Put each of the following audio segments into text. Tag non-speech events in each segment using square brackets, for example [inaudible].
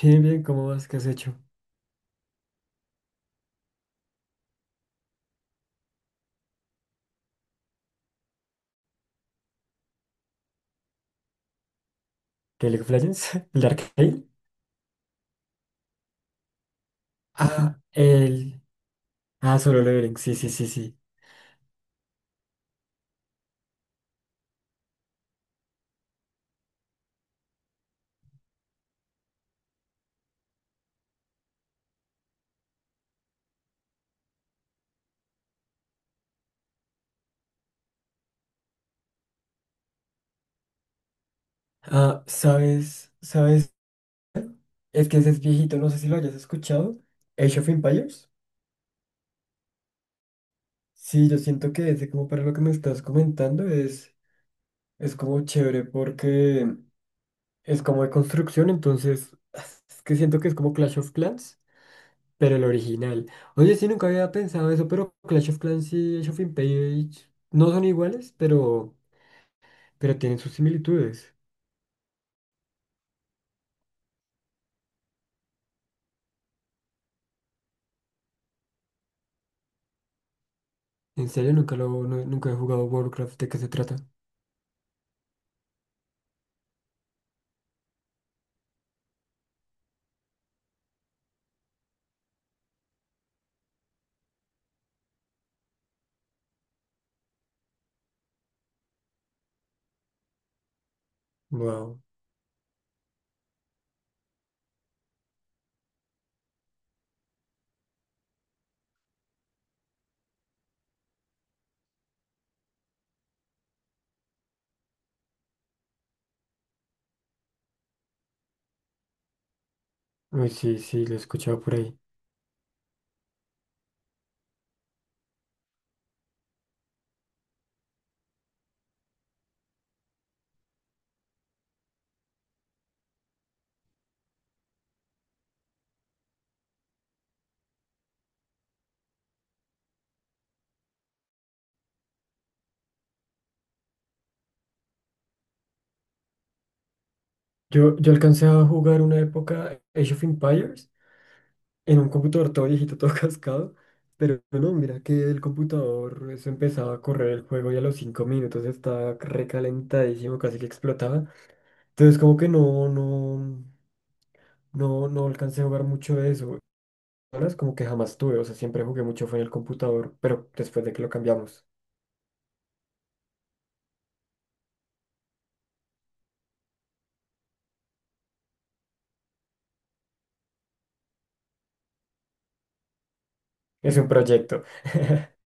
Bien, bien, ¿cómo vas? ¿Qué has hecho? ¿Qué League of Legends? [laughs] ¿El Dark Arcane? Ah, [laughs] el... Ah, solo Leveling, sí, sí, sí, sí. Ah, ¿sabes? ¿Sabes? Es que ese es viejito, no sé si lo hayas escuchado. Age of Empires. Sí, yo siento que ese como para lo que me estás comentando es como chévere porque es como de construcción, entonces [laughs] es que siento que es como Clash of Clans. Pero el original. Oye, sí, nunca había pensado eso, pero Clash of Clans y Age of Empires no son iguales, pero tienen sus similitudes. En serio, nunca lo, nu- nunca he jugado Warcraft, ¿de qué se trata? Wow. Uy, sí, sí, lo he escuchado por ahí. Yo alcancé a jugar una época Age of Empires en un computador todo viejito, todo [laughs] cascado. Pero no, mira que el computador, eso empezaba a correr el juego y a los 5 minutos estaba recalentadísimo, casi que explotaba. Entonces como que no, no. No, no alcancé a jugar mucho de eso. Ahora es como que jamás tuve, o sea, siempre jugué mucho fue en el computador, pero después de que lo cambiamos. Es un proyecto. [laughs]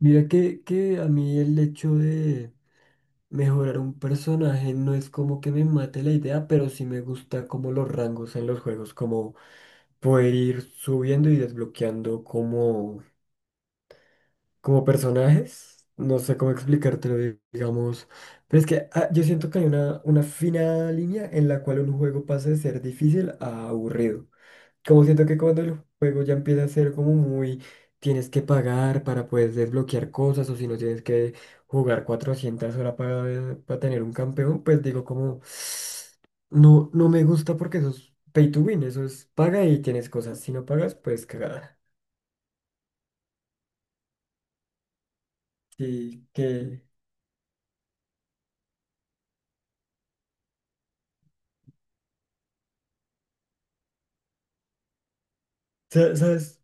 Mira que a mí el hecho de mejorar un personaje no es como que me mate la idea, pero sí me gusta como los rangos en los juegos, como poder ir subiendo y desbloqueando como personajes, no sé cómo explicártelo, digamos, pero es que ah, yo siento que hay una fina línea en la cual un juego pasa de ser difícil a aburrido. Como siento que cuando el juego ya empieza a ser como muy, tienes que pagar para poder desbloquear cosas o si no tienes que jugar 400 horas para tener un campeón, pues digo como, no, no me gusta porque eso es pay to win, eso es paga y tienes cosas, si no pagas, pues cagada. Y que, sa- ¿sabes?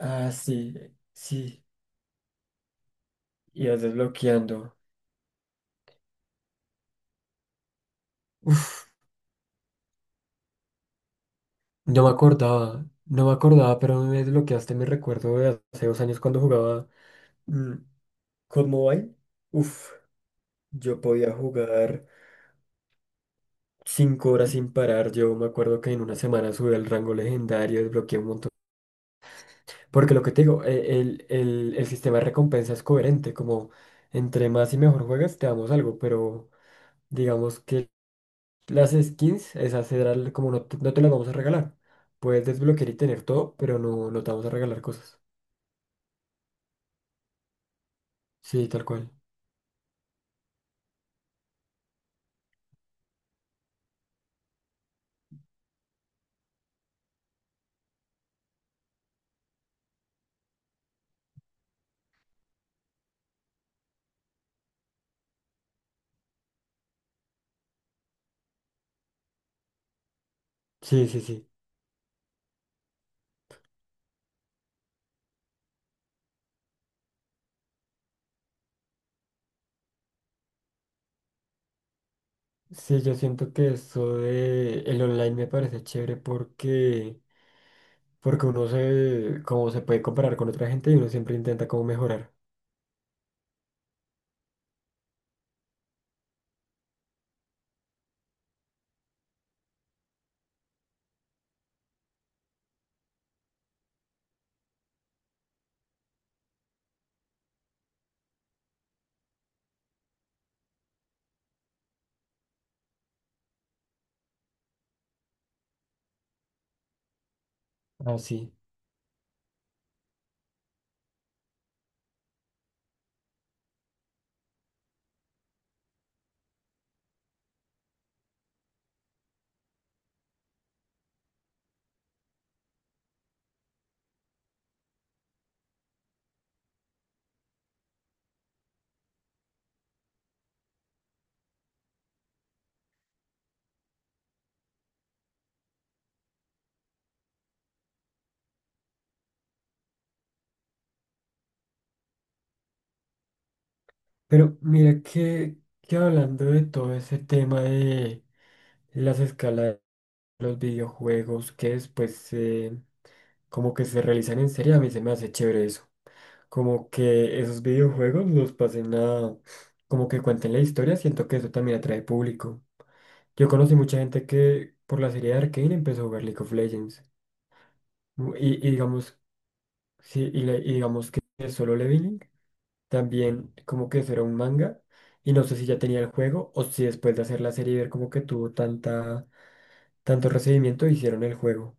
Ah, sí, sí. Ibas desbloqueando. Uf, no me acordaba, pero me desbloqueaste mi recuerdo de hace 2 años cuando jugaba mm, COD Mobile. Uf, yo podía jugar 5 horas sin parar. Yo me acuerdo que en una semana subí al rango legendario, desbloqueé un montón. Porque lo que te digo, el sistema de recompensa es coherente, como entre más y mejor juegas, te damos algo, pero digamos que las skins, esas serán como no te, no te las vamos a regalar. Puedes desbloquear y tener todo, pero no, no te vamos a regalar cosas. Sí, tal cual. Sí, sí, sí. Sí, yo siento que eso de el online me parece chévere porque, porque uno se, como se puede comparar con otra gente y uno siempre intenta como mejorar. Así. Pero mira que hablando de todo ese tema de las escalas de los videojuegos que después como que se realizan en serie, a mí se me hace chévere eso. Como que esos videojuegos los pasen a, como que cuenten la historia, siento que eso también atrae público. Yo conocí mucha gente que por la serie de Arcane empezó a jugar League of Legends. Y digamos, sí, y digamos que Solo Leveling también como que eso era un manga. Y no sé si ya tenía el juego o si después de hacer la serie y ver como que tuvo tanta, tanto recibimiento hicieron el juego.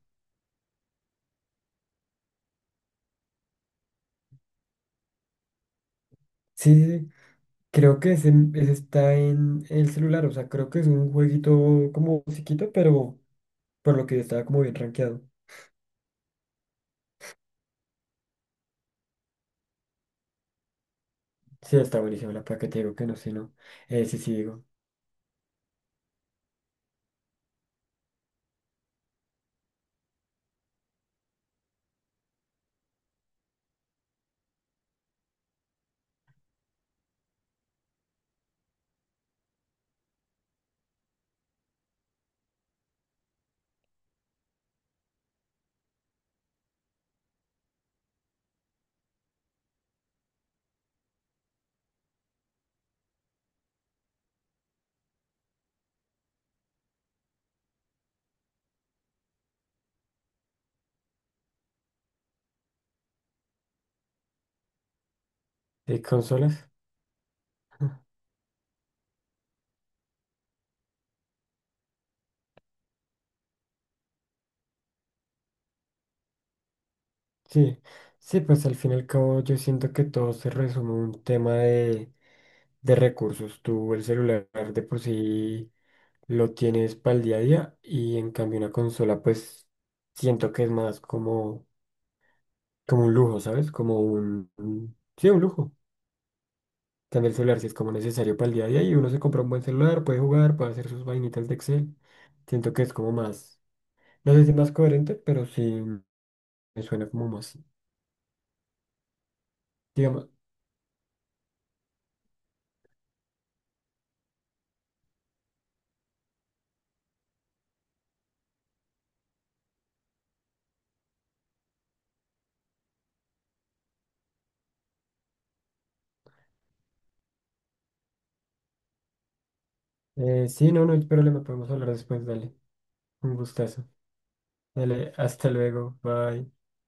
Sí, sí, sí. Creo ese está en el celular, o sea, creo que es un jueguito como chiquito, pero por lo que yo estaba como bien rankeado. Sí, está buenísima la placa, te digo que no, sí, no. Sí, sí, digo. ¿De consolas? Ah, sí, sí, pues al fin y al cabo yo siento que todo se resume a un tema de recursos. Tú el celular de por sí lo tienes para el día a día y en cambio una consola pues siento que es más como, como un lujo, ¿sabes? Como un- Sí, un lujo. También el celular si es como necesario para el día a día y uno se compra un buen celular, puede jugar, puede hacer sus vainitas de Excel. Siento que es como más... No sé si más coherente, pero sí me suena como más. Digamos, sí, no, no hay problema, podemos hablar después, dale. Un gustazo. Dale, hasta luego, bye.